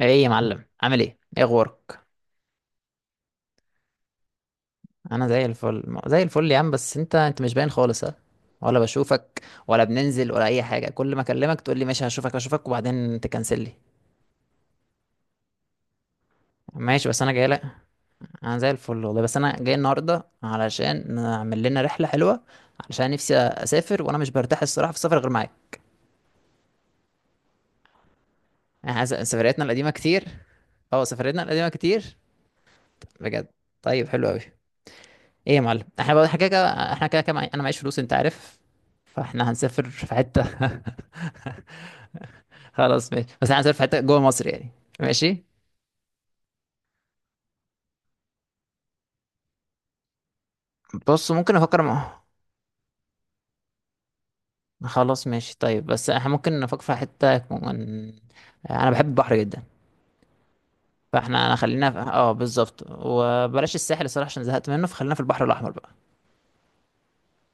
ايه يا معلم، عامل ايه؟ ايه اخبارك؟ انا زي الفل زي الفل يا عم. بس انت مش باين خالص ها؟ ولا بشوفك ولا بننزل ولا اي حاجه. كل ما اكلمك تقول لي ماشي، هشوفك وبعدين تكنسل لي. ماشي، بس انا جاي لك. انا زي الفل والله. بس انا جاي النهارده علشان نعمل لنا رحله حلوه، علشان نفسي اسافر، وانا مش برتاح الصراحه في السفر غير معاك. سفرياتنا القديمه كتير. اه، سفرياتنا القديمه كتير، بجد. طيب، حلو قوي. ايه يا معلم، احنا كده كده، انا معيش فلوس، انت عارف. فاحنا هنسافر في حته خلاص ماشي، بس احنا هنسافر في حته جوه مصر يعني. ماشي. بص، ممكن افكر مع... خلاص ماشي، طيب بس احنا ممكن نفكر في حته كمان. انا بحب البحر جدا. فاحنا خلينا في... اه، بالظبط. وبلاش الساحل الصراحه عشان زهقت منه. فخلينا في البحر الاحمر بقى.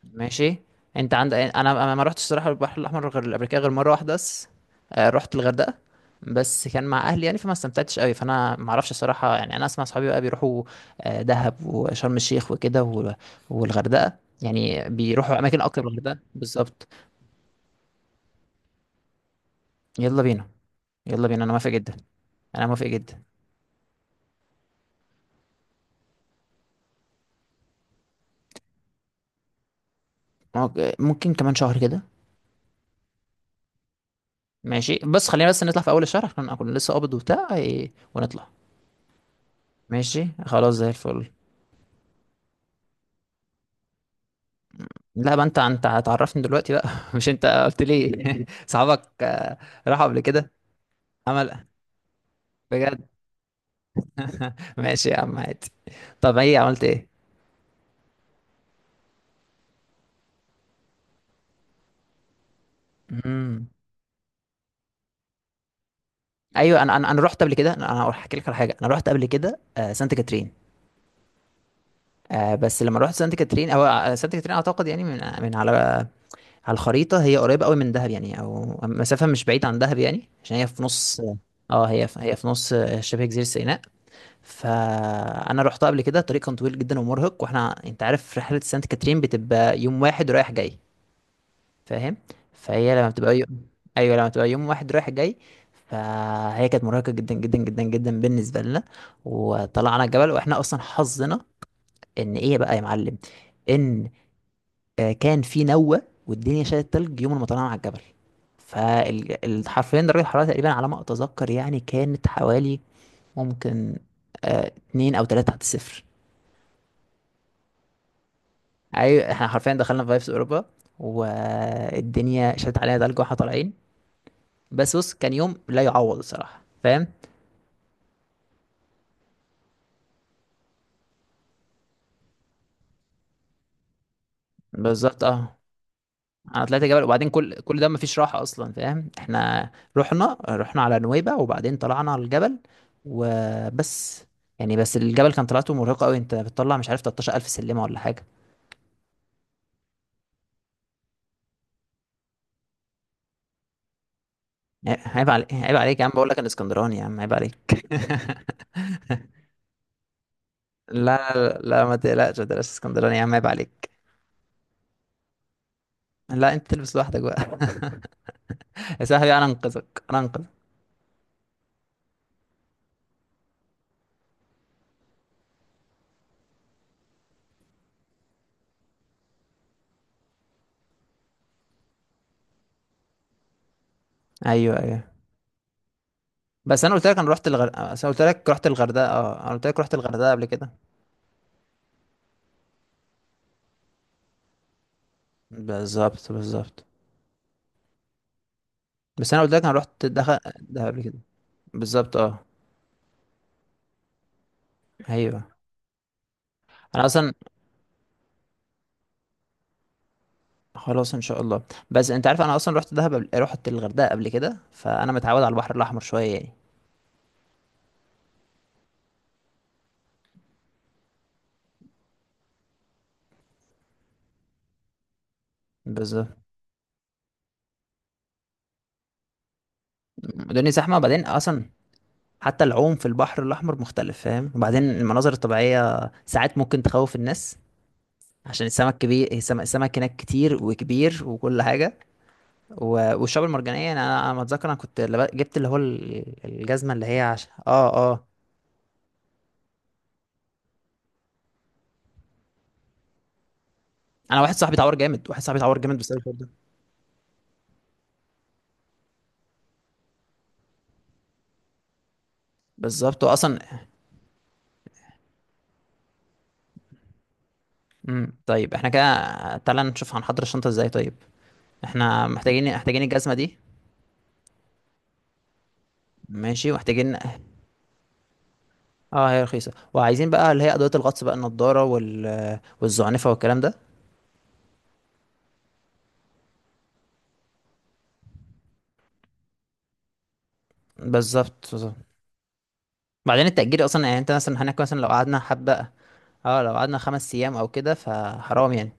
ماشي. انت عند، انا ما رحتش الصراحه البحر الاحمر غير قبل كده غير مره واحده بس. آه، رحت الغردقه، بس كان مع اهلي يعني، فما استمتعتش قوي. فانا ما اعرفش الصراحه يعني، انا اسمع صحابي بقى بيروحوا آه، دهب وشرم الشيخ وكده والغردقه يعني، بيروحوا اماكن اكتر من الغردقه بالظبط. يلا بينا، يلا بينا، انا موافق جدا. انا موافق جدا. ممكن ممكن كمان شهر كده. ماشي، بس خلينا بس نطلع في اول الشهر عشان اكون لسه قابض وبتاع، إيه، ونطلع. ماشي خلاص، زي الفل. لا بقى، انت هتعرفني دلوقتي بقى مش انت قلت لي؟ صحابك آه، راحوا قبل كده. عمل، بجد؟ ماشي يا عم، عادي. طب ايه، عملت ايه؟ امم، ايوه. انا رحت قبل كده، أنا هحكي لك على حاجه. انا رحت قبل كده آه، سانت كاترين. آه، بس لما رحت سانت كاترين، او آه، سانت كاترين اعتقد يعني، من على الخريطه، هي قريبه قوي من دهب يعني، او مسافه مش بعيده عن دهب يعني، عشان هي في نص. اه، هي في نص آه، شبه جزيره سيناء. فانا رحت قبل كده، الطريق كان طويل جدا ومرهق. واحنا انت عارف، رحله سانت كاترين بتبقى يوم واحد رايح جاي، فاهم؟ فهي لما بتبقى يوم... ايوه، لما بتبقى يوم واحد رايح جاي، فهي كانت مرهقه جدا جدا جدا جدا بالنسبه لنا. وطلعنا الجبل واحنا اصلا حظنا ان، ايه بقى يا معلم، ان آه، كان في نوه والدنيا شالت تلج يوم ما طلعنا على الجبل. فالحرفين درجه الحراره تقريبا على ما اتذكر يعني، كانت حوالي ممكن آه، اتنين او تلاتة تحت الصفر. اي، احنا حرفيا دخلنا في فايفز اوروبا. والدنيا شدت علينا تلج واحنا طالعين. بس بص، كان يوم لا يعوض الصراحه، فاهم؟ بالظبط، اه. انا طلعت جبل وبعدين، كل ده مفيش راحه اصلا، فاهم؟ احنا رحنا على نويبع وبعدين طلعنا على الجبل وبس يعني. بس الجبل كان طلعته مرهقه قوي، انت بتطلع مش عارف 13,000 سلمه ولا حاجه يعني. عيب عليك، عيب عليك يا عم، بقول لك انا اسكندراني يا عم، عيب عليك. لا لا لا، ما تقلقش، ما تقلقش، اسكندراني يا عم، عيب عليك. لا انت تلبس لوحدك بقى يا صاحبي انا انقذك، انا انقذك. ايوه ايوه. بس انا قلت لك انا رحت الغردقه، بس انا قلت لك رحت الغردقه، اه انا قلت لك رحت الغردقه قبل كده. بالظبط بالظبط. بس انا قلت لك انا رحت دخل ده قبل كده. بالظبط، اه. ايوه، انا اصلا. خلاص ان شاء الله. بس انت عارف، انا اصلا رحت دهب قبل... رحت الغردقه قبل كده، فانا متعود على البحر الاحمر شويه يعني. بالظبط. الدنيا زحمه. وبعدين اصلا حتى العوم في البحر الاحمر مختلف، فاهم؟ وبعدين المناظر الطبيعيه ساعات ممكن تخوف الناس، عشان السمك كبير، السمك هناك كتير وكبير وكل حاجة. والشعاب المرجانية يعني، أنا ما أتذكر، أنا كنت جبت اللي هو الجزمة اللي هي عشان آه آه. أنا واحد صاحبي اتعور جامد، واحد صاحبي اتعور جامد بسبب الحوار ده. بالظبط وأصلا. امم، طيب احنا كده، تعالى نشوف هنحضر الشنطة ازاي. طيب، احنا محتاجين، محتاجين الجزمة دي. ماشي، ومحتاجين اه هي رخيصة. وعايزين بقى اللي هي أدوية الغطس بقى، النضارة وال... والزعنفة والكلام ده. بالظبط بالظبط. بعدين التأجير أصلا يعني، أنت مثلا هناك مثلا لو قعدنا حبة، اه لو قعدنا خمس ايام او كده فحرام يعني.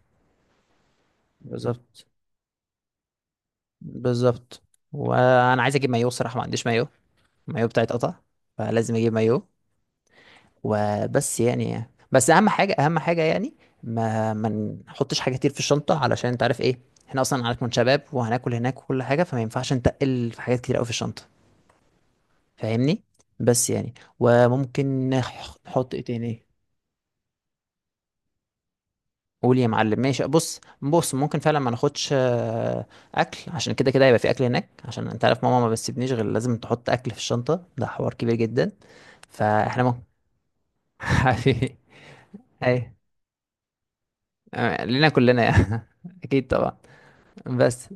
بالظبط بالظبط. وانا عايز اجيب مايو الصراحه، ما عنديش مايو، المايو بتاعي اتقطع، فلازم اجيب مايو. وبس يعني. بس اهم حاجه، اهم حاجه يعني، ما نحطش حاجه كتير في الشنطه، علشان انت عارف ايه، احنا اصلا هنكون شباب وهناكل هناك وكل حاجه، فما ينفعش نتقل في حاجات كتير قوي في الشنطه، فاهمني؟ بس يعني وممكن نحط ايه تاني. قول يا معلم. ماشي، بص بص، ممكن فعلا ما ناخدش آه، اكل، عشان كده كده هيبقى في اكل هناك، عشان انت عارف ماما ما بتسيبنيش غير لازم تحط اكل في الشنطه، ده حوار كبير جدا. فاحنا ممكن. حبيبي. اي آه، لينا كلنا يعني. اكيد طبعا. بس،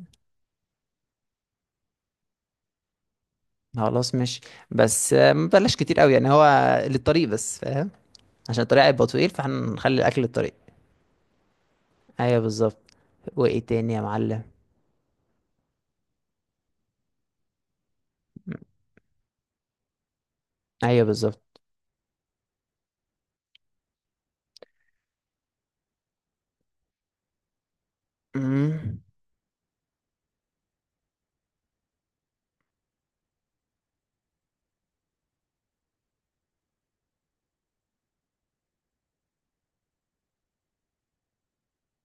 خلاص ماشي. بس آه، ما بلاش كتير قوي يعني، هو للطريق بس، فاهم؟ عشان الطريق هيبقى طويل، فاحنا نخلي الاكل للطريق. ايوه بالظبط. وايه تاني يا معلم؟ ايوه بالظبط. مم.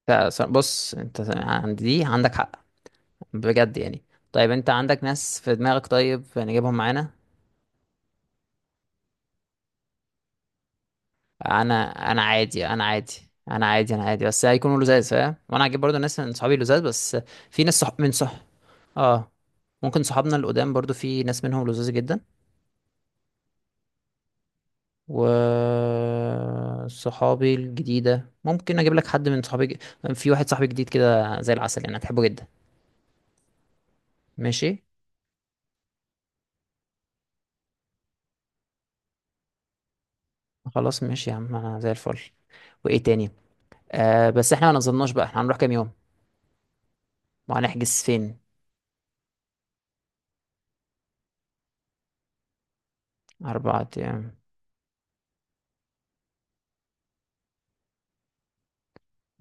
لا ص- بص، انت عندي دي عندك حق، بجد يعني. طيب انت عندك ناس في دماغك؟ طيب نجيبهم معانا. انا، انا عادي انا عادي انا عادي، بس هيكونوا لزاز، فاهم؟ وانا هجيب برضو ناس من صحابي لزاز بس. في ناس صح... من صح، اه. ممكن صحابنا القدام برضو في ناس منهم لزاز جدا. و صحابي الجديدة ممكن اجيب لك حد من صحابي في واحد صاحبي جديد كده زي العسل يعني، هتحبه جدا. ماشي. خلاص ماشي يا عم، انا زي الفل. وايه تاني؟ آه بس احنا ما نظمناش بقى، احنا هنروح كام يوم وهنحجز فين؟ أربعة أيام.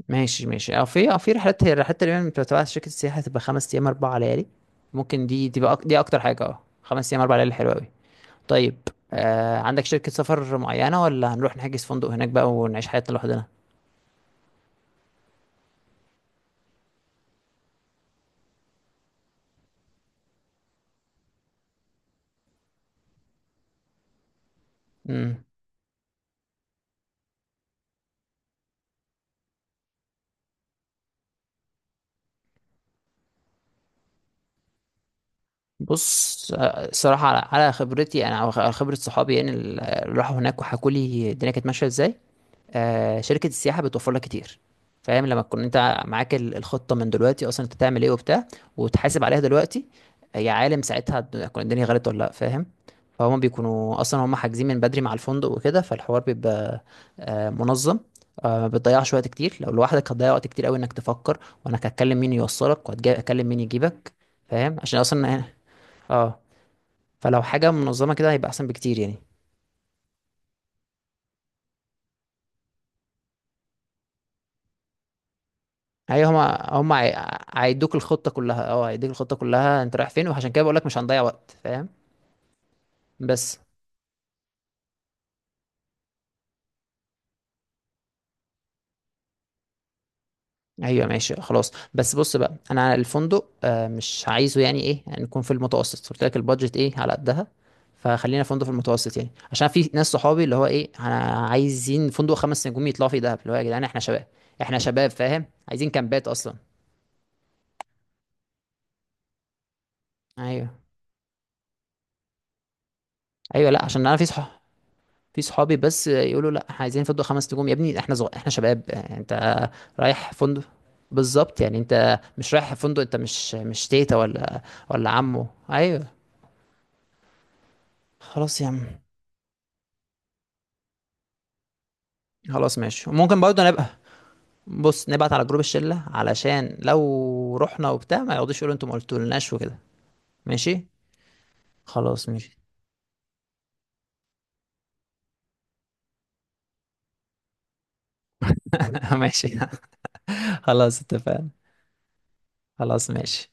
ماشي ماشي. أو في، أو في رحلات، هي رحلات تقريبا بتبقى تبع شركة السياحة، تبقى خمس أيام أربع ليالي. ممكن دي تبقى أك-، دي أكتر حاجة أه، خمس أيام أربع ليالي، حلوة أوي. طيب، آه عندك شركة سفر معينة ولا هنروح نحجز فندق هناك بقى ونعيش حياتنا لوحدنا؟ مم. بص آه، الصراحة، على على خبرتي أنا، أو خبرة صحابي يعني اللي راحوا هناك وحكوا لي الدنيا كانت ماشية إزاي، آه، شركة السياحة بتوفر لك كتير. فاهم؟ لما تكون انت معاك الخطة من دلوقتي اصلا، انت تعمل ايه وبتاع، وتحاسب عليها دلوقتي. يا عالم ساعتها هتكون الدنيا غلط ولا لا، فاهم؟ فهم بيكونوا اصلا هم حاجزين من بدري مع الفندق وكده، فالحوار بيبقى آه، منظم. آه، ما بتضيعش وقت كتير. لو لوحدك هتضيع وقت كتير قوي، انك تفكر وانا هتكلم مين يوصلك وهتكلم مين يجيبك، فاهم؟ عشان اصلا اه، فلو حاجة منظمة كده هيبقى احسن بكتير يعني. ايوه، هيدوك الخطه كلها، اه هيديك الخطه كلها انت رايح فين، وعشان كده بقول لك مش هنضيع وقت، فاهم؟ بس ايوه ماشي. خلاص، بس بص بقى، انا الفندق آه، مش عايزه يعني ايه يعني، نكون في المتوسط، قلت لك البادجت ايه، على قدها. فخلينا فندق في المتوسط يعني، عشان في ناس صحابي اللي هو ايه، انا عايزين فندق خمس نجوم يطلعوا فيه دهب، اللي هو يا جدعان احنا شباب، احنا شباب، فاهم؟ عايزين كامبات اصلا. ايوه ايوه، لا عشان انا في صح، في صحابي بس يقولوا لا احنا عايزين فندق خمس نجوم، يا ابني احنا زغ...، احنا شباب يعني، انت رايح فندق. بالظبط، يعني انت مش رايح فندق، انت مش تيتا ولا ولا عمو، ايوه. خلاص يا عم. خلاص ماشي، وممكن برضه نبقى، بص، نبعت على جروب الشلة، علشان لو رحنا وبتاع ما يقعدوش يقولوا انتوا ما قلتولناش وكده. ماشي. خلاص ماشي. ماشي. خلاص اتفقنا. خلاص ماشي.